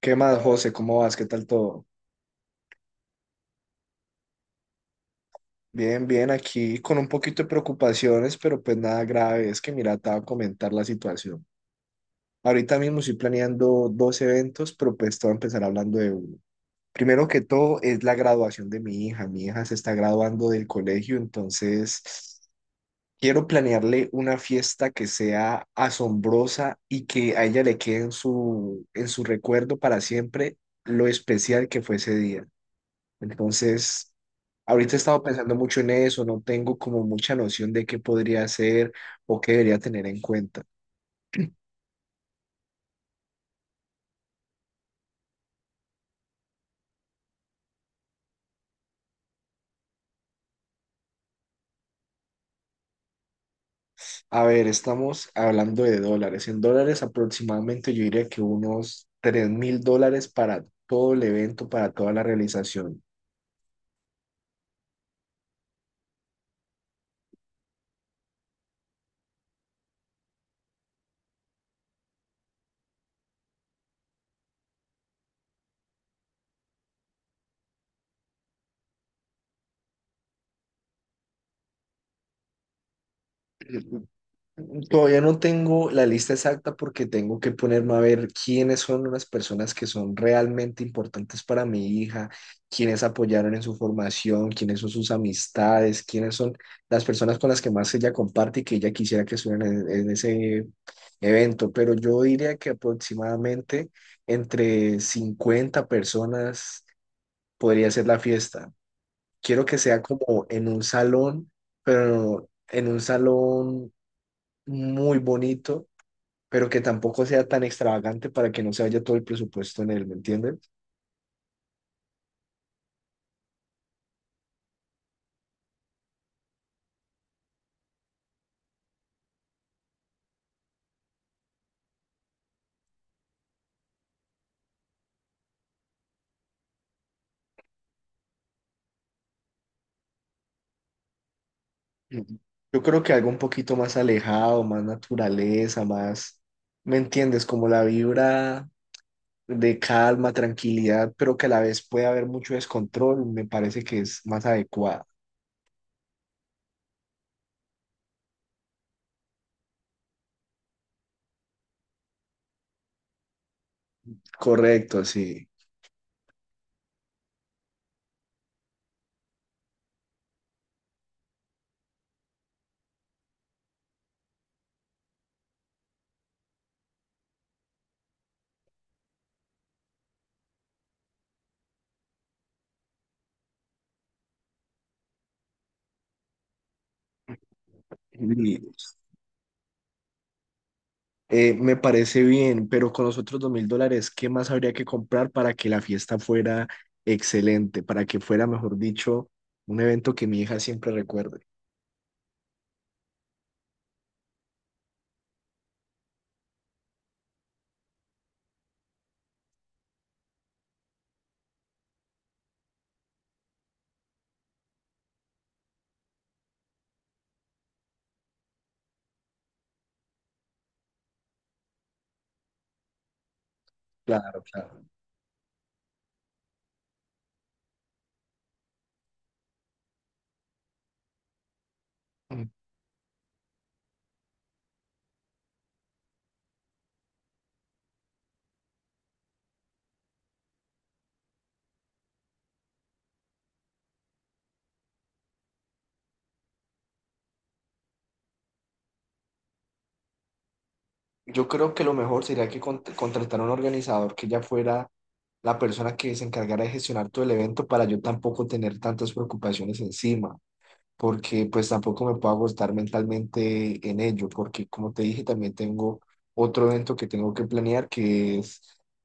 ¿Qué más, José? ¿Cómo vas? ¿Qué tal todo? Bien, bien, aquí con un poquito de preocupaciones, pero pues nada grave. Es que mira, te voy a comentar la situación. Ahorita mismo estoy planeando dos eventos, pero pues te voy a empezar hablando de uno. Primero que todo es la graduación de mi hija. Mi hija se está graduando del colegio, entonces quiero planearle una fiesta que sea asombrosa y que a ella le quede en su recuerdo para siempre lo especial que fue ese día. Entonces, ahorita he estado pensando mucho en eso, no tengo como mucha noción de qué podría hacer o qué debería tener en cuenta. A ver, estamos hablando de dólares. En dólares aproximadamente yo diría que unos $3,000 para todo el evento, para toda la realización. Todavía no tengo la lista exacta porque tengo que ponerme a ver quiénes son unas personas que son realmente importantes para mi hija, quiénes apoyaron en su formación, quiénes son sus amistades, quiénes son las personas con las que más ella comparte y que ella quisiera que estuvieran en ese evento. Pero yo diría que aproximadamente entre 50 personas podría ser la fiesta. Quiero que sea como en un salón, pero en un salón muy bonito pero que tampoco sea tan extravagante para que no se vaya todo el presupuesto en él, ¿me entienden? Ujú. Yo creo que algo un poquito más alejado, más naturaleza, más, ¿me entiendes? Como la vibra de calma, tranquilidad, pero que a la vez puede haber mucho descontrol, me parece que es más adecuado. Correcto, sí. Y me parece bien, pero con los otros $2,000, ¿qué más habría que comprar para que la fiesta fuera excelente, para que fuera, mejor dicho, un evento que mi hija siempre recuerde? Claro, claro. Mm. Yo creo que lo mejor sería que contratara un organizador que ya fuera la persona que se encargara de gestionar todo el evento para yo tampoco tener tantas preocupaciones encima, porque pues tampoco me puedo agotar mentalmente en ello, porque como te dije, también tengo otro evento que tengo que planear, que es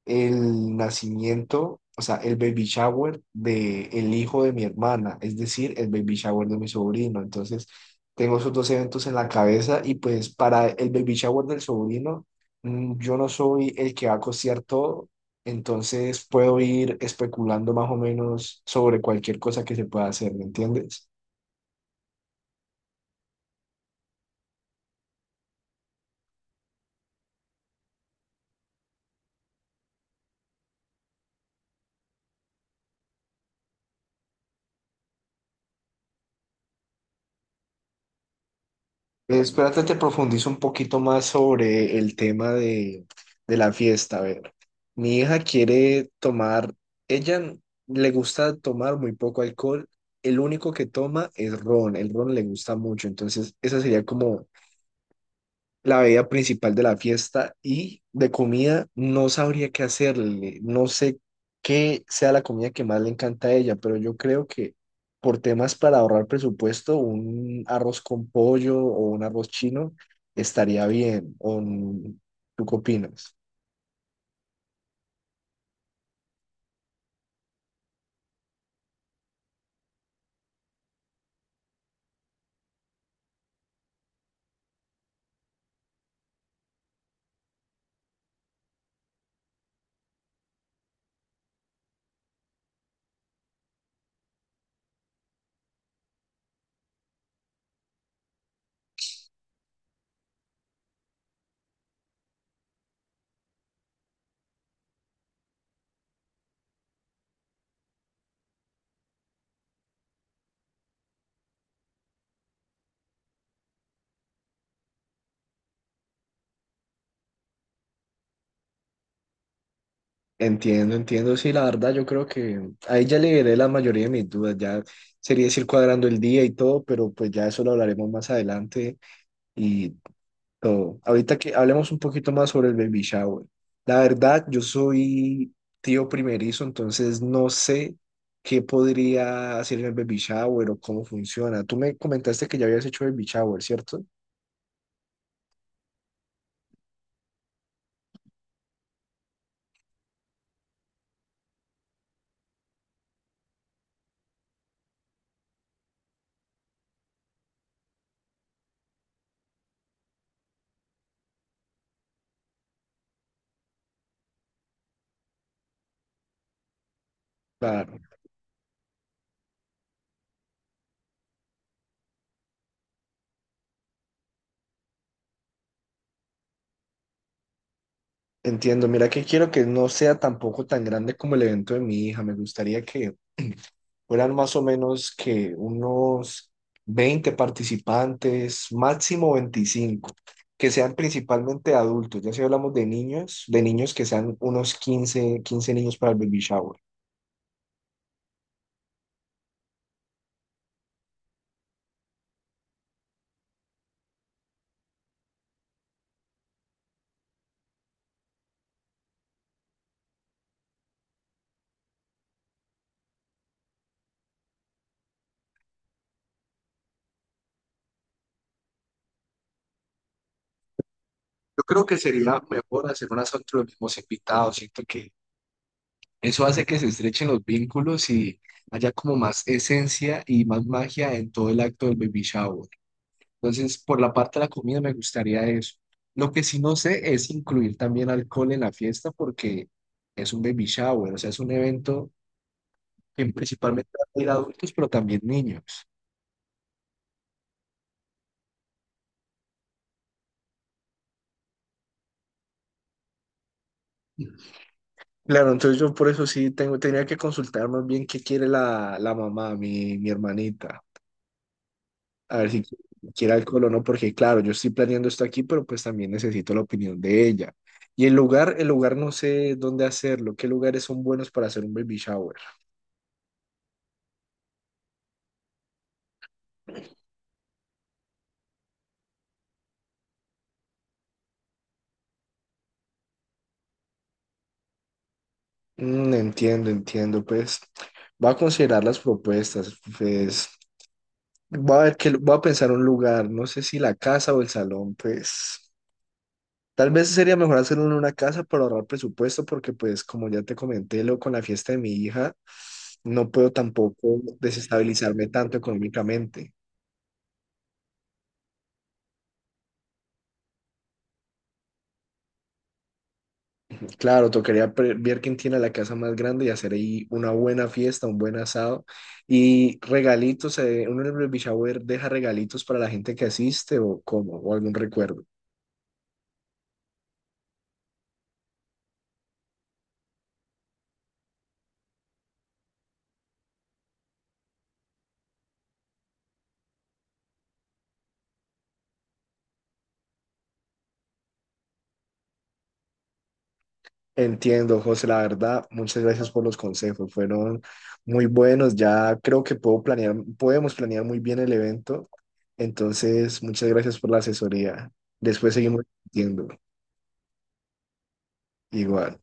el nacimiento, o sea, el baby shower de el hijo de mi hermana, es decir, el baby shower de mi sobrino. Entonces, tengo esos dos eventos en la cabeza y pues para el baby shower del sobrino, yo no soy el que va a costear todo. Entonces puedo ir especulando más o menos sobre cualquier cosa que se pueda hacer, ¿me entiendes? Espérate, te profundizo un poquito más sobre el tema de la fiesta. A ver, mi hija quiere tomar, ella le gusta tomar muy poco alcohol, el único que toma es ron, el ron le gusta mucho, entonces esa sería como la bebida principal de la fiesta y de comida no sabría qué hacerle. No sé qué sea la comida que más le encanta a ella, pero yo creo que por temas para ahorrar presupuesto, un arroz con pollo o un arroz chino estaría bien. ¿O tú qué opinas? Entiendo, entiendo. Sí, la verdad, yo creo que a ella le veré la mayoría de mis dudas. Ya sería decir cuadrando el día y todo, pero pues ya eso lo hablaremos más adelante y todo. Ahorita que hablemos un poquito más sobre el baby shower. La verdad, yo soy tío primerizo, entonces no sé qué podría hacer en el baby shower o cómo funciona. Tú me comentaste que ya habías hecho baby shower, ¿cierto? Claro, entiendo. Mira que quiero que no sea tampoco tan grande como el evento de mi hija. Me gustaría que fueran más o menos que unos 20 participantes, máximo 25, que sean principalmente adultos. Ya si hablamos de niños, que sean unos quince niños para el baby shower. Yo creo que sería mejor hacer unas fotos de los mismos invitados. Siento que eso hace que se estrechen los vínculos y haya como más esencia y más magia en todo el acto del baby shower. Entonces, por la parte de la comida me gustaría eso. Lo que sí no sé es incluir también alcohol en la fiesta porque es un baby shower, o sea, es un evento que principalmente va a ir adultos, pero también niños. Claro, entonces yo por eso sí tengo, tenía que consultar más bien qué quiere la mamá, mi hermanita, a ver si quiere alcohol o no, porque claro, yo estoy planeando esto aquí, pero pues también necesito la opinión de ella. Y el lugar no sé dónde hacerlo, qué lugares son buenos para hacer un baby shower. Mm, entiendo, entiendo, pues va a considerar las propuestas, pues va a ver que va a pensar un lugar, no sé si la casa o el salón, pues tal vez sería mejor hacerlo en una casa para ahorrar presupuesto, porque pues como ya te comenté, lo con la fiesta de mi hija, no puedo tampoco desestabilizarme tanto económicamente. Claro, tocaría ver quién tiene la casa más grande y hacer ahí una buena fiesta, un buen asado. Y regalitos, uno en el baby shower deja regalitos para la gente que asiste o cómo, o algún recuerdo. Entiendo, José, la verdad, muchas gracias por los consejos, fueron muy buenos. Ya creo que puedo planear, podemos planear muy bien el evento. Entonces, muchas gracias por la asesoría. Después seguimos discutiendo. Igual.